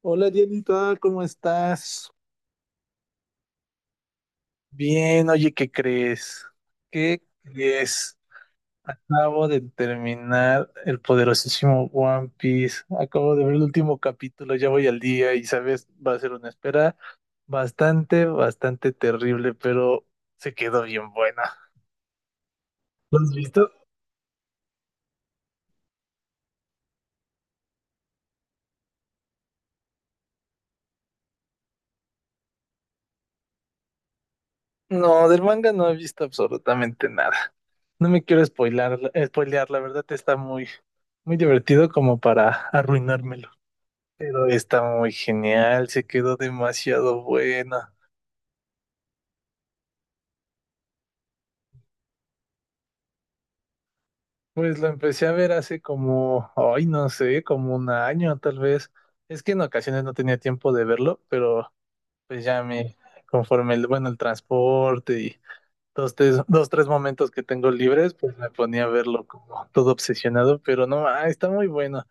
Hola Dianita, ¿cómo estás? Bien, oye, ¿qué crees? ¿Qué crees? Acabo de terminar el poderosísimo One Piece. Acabo de ver el último capítulo, ya voy al día y sabes, va a ser una espera bastante, bastante terrible, pero se quedó bien buena. ¿Lo has visto? No, del manga no he visto absolutamente nada. No me quiero spoilar, spoilear, la verdad está muy, muy divertido como para arruinármelo. Pero está muy genial, se quedó demasiado buena. Pues la empecé a ver hace como, ay, no sé, como un año tal vez. Es que en ocasiones no tenía tiempo de verlo, pero pues ya me, conforme el, bueno, el transporte y dos, tres, dos, tres momentos que tengo libres, pues me ponía a verlo como todo obsesionado, pero no, ah, está muy bueno.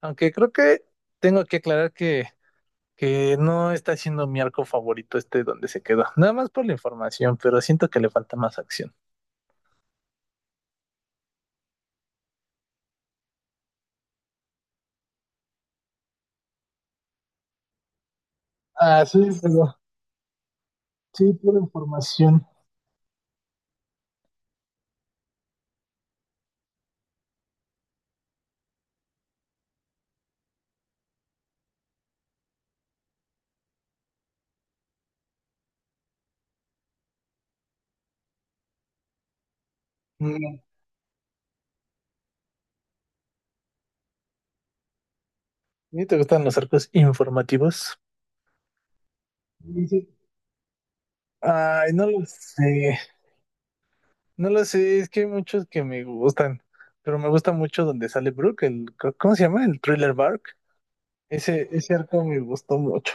Aunque creo que tengo que aclarar que no está siendo mi arco favorito este donde se quedó. Nada más por la información, pero siento que le falta más acción. Ah, sí, pero sí, pura información. Mm, ¿y te gustan los arcos informativos? Dice, ay, no lo sé. No lo sé, es que hay muchos que me gustan. Pero me gusta mucho donde sale Brooke, el, ¿cómo se llama? El Thriller Bark. Ese arco me gustó mucho.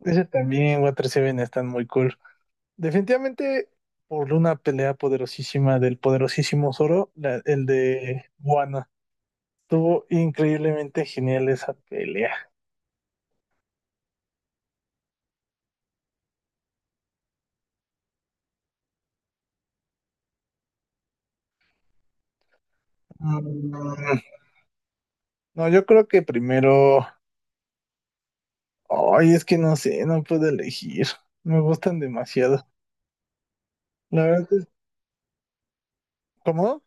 Ese también, Water Seven están muy cool. Definitivamente, por una pelea poderosísima del poderosísimo Zoro, la- el de Wano. Estuvo increíblemente genial esa pelea. Mm. No, yo creo que primero, ay, es que no sé, no puedo elegir. Me gustan demasiado. La verdad es, ¿cómo?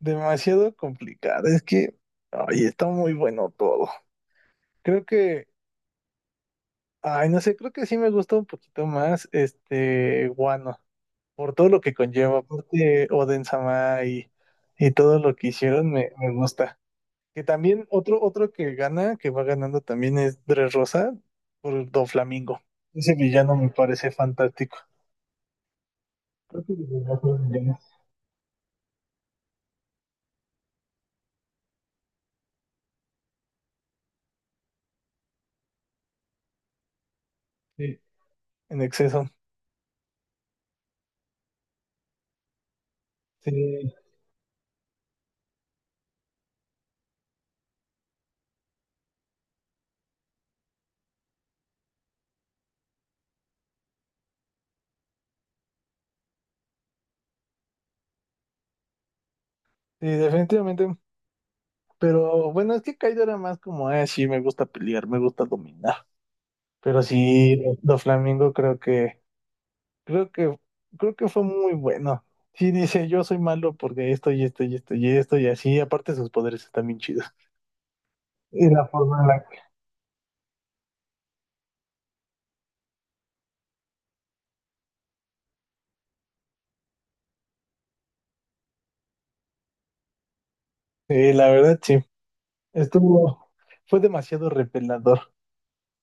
Demasiado complicado. Es que, ay, está muy bueno todo. Creo que, ay, no sé, creo que sí me gusta un poquito más este Guano, por todo lo que conlleva, aparte Oden-sama y todo lo que hicieron me, me gusta. Que también otro, otro que gana, que va ganando también es Rosa por Doflamingo. Ese villano me parece fantástico. Creo que desde las dos millones. Sí, en exceso. Sí, sí, definitivamente. Pero bueno, es que Kaido era más como, sí, me gusta pelear, me gusta dominar. Pero sí, Doflamingo creo que, creo que, creo que fue muy bueno. Sí, dice, yo soy malo porque esto y esto y esto y esto y así. Aparte sus poderes están bien chidos. Y la forma en la que. Sí, la verdad, sí. Estuvo, fue demasiado repelador.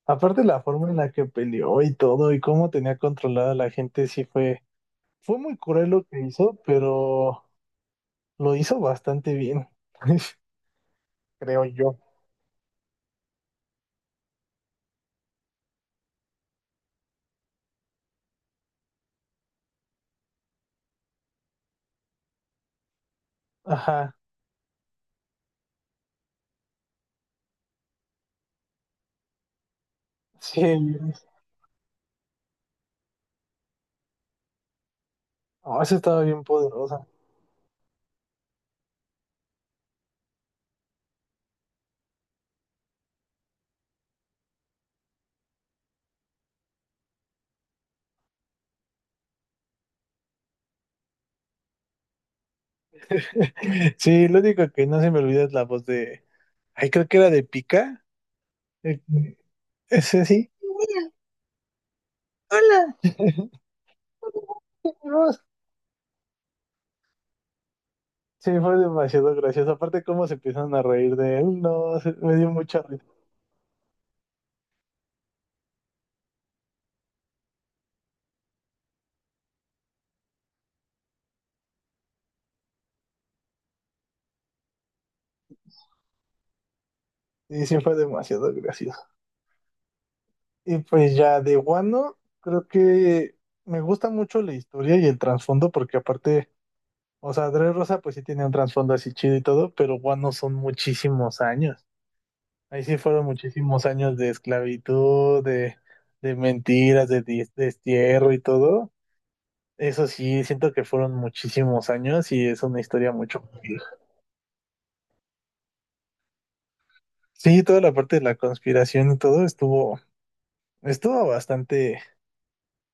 Aparte la forma en la que peleó y todo y cómo tenía controlada a la gente, sí fue. Fue muy cruel lo que hizo, pero lo hizo bastante bien, creo yo. Ajá, sí, no, esa estaba bien poderosa. Sí, lo único que no se me olvida es la voz de, ay, creo que era de Pica, eh, ese sí. Hola. Dios. Sí, fue demasiado gracioso. Aparte, cómo se empiezan a reír de él, no, se- me dio mucha risa. Y sí, fue demasiado gracioso. Y pues ya de Wano, creo que me gusta mucho la historia y el trasfondo, porque aparte, o sea, Rosa pues sí tiene un trasfondo así chido y todo, pero Wano son muchísimos años. Ahí sí fueron muchísimos años de esclavitud, de mentiras, de dis- destierro y todo. Eso sí, siento que fueron muchísimos años y es una historia mucho más vieja. Sí, toda la parte de la conspiración y todo estuvo, estuvo bastante,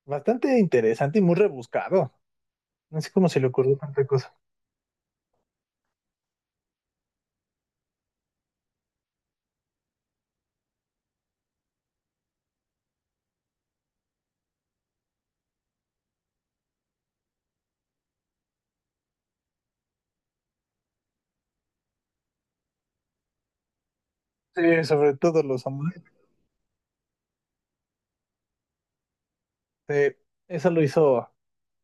bastante interesante y muy rebuscado. No sé cómo se le ocurrió tanta cosa. Sí, sobre todo los amuletos. Sí, eso lo hizo.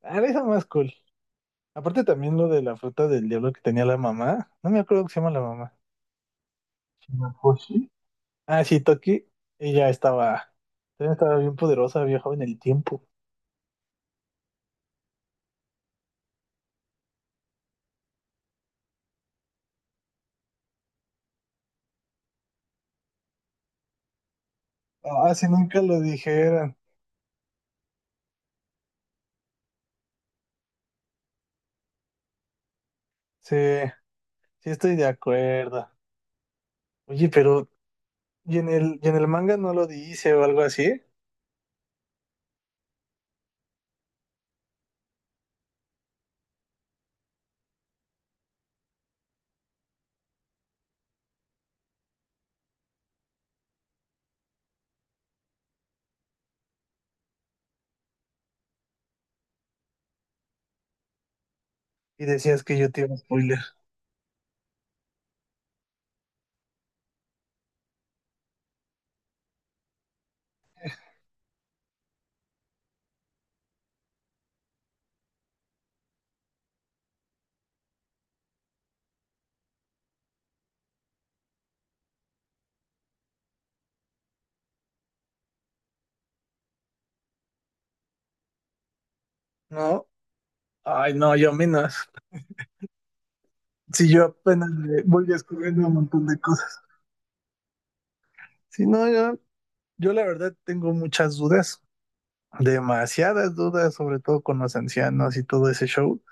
Ah, eso más cool. Aparte también lo de la fruta del diablo que tenía la mamá. No me acuerdo cómo se llama la mamá. Shinakoshi. Ah, sí, Toki. Ella estaba. Ella estaba bien poderosa, viajaba en el tiempo. Ah, si nunca lo dijeran. Sí, sí estoy de acuerdo. Oye, pero. Y en el manga no lo dice o algo así? Y decías que yo te iba a spoiler. No. Ay, no, yo menos. Si yo apenas le voy descubriendo un montón de cosas. Sí, no, yo la verdad tengo muchas dudas, demasiadas dudas, sobre todo con los ancianos y todo ese show.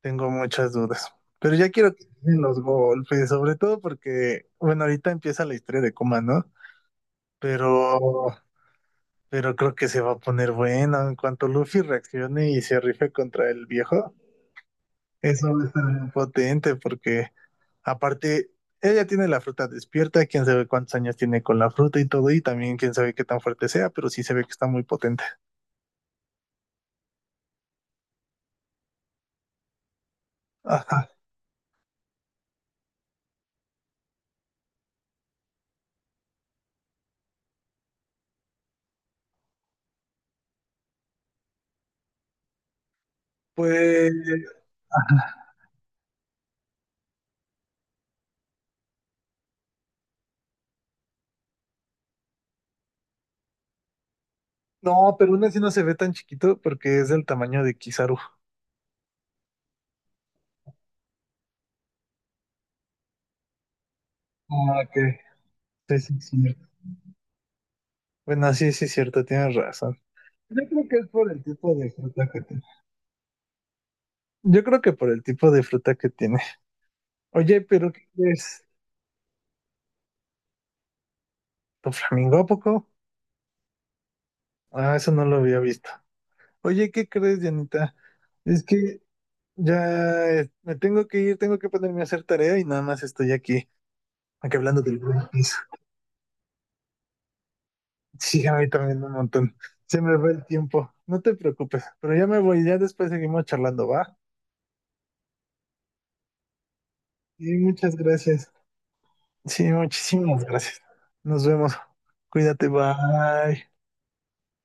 Tengo muchas dudas. Pero ya quiero que den los golpes, sobre todo porque, bueno, ahorita empieza la historia de Kuma, ¿no? Pero, pero creo que se va a poner bueno en cuanto Luffy reaccione y se rife contra el viejo. Eso va a estar muy potente porque, aparte, ella tiene la fruta despierta, quién sabe cuántos años tiene con la fruta y todo, y también quién sabe qué tan fuerte sea, pero sí se ve que está muy potente. Ajá. Pues no, pero aún así no se ve tan chiquito porque es del tamaño de Kizaru. Ah, ok. Sí, sí, sí. Bueno, sí, sí, es cierto, tienes razón. Yo creo que es por el tipo de fruta que tiene. Yo creo que por el tipo de fruta que tiene. Oye, pero ¿qué crees? ¿Tu flamingo a poco? Ah, eso no lo había visto. Oye, ¿qué crees, Dianita? Es que ya me tengo que ir, tengo que ponerme a hacer tarea y nada más estoy aquí, aquí hablando del Greenpeace. Sí, a mí también un montón. Se me va el tiempo. No te preocupes, pero ya me voy, ya después seguimos charlando, ¿va? Sí, muchas gracias. Sí, muchísimas gracias. Nos vemos. Cuídate, bye.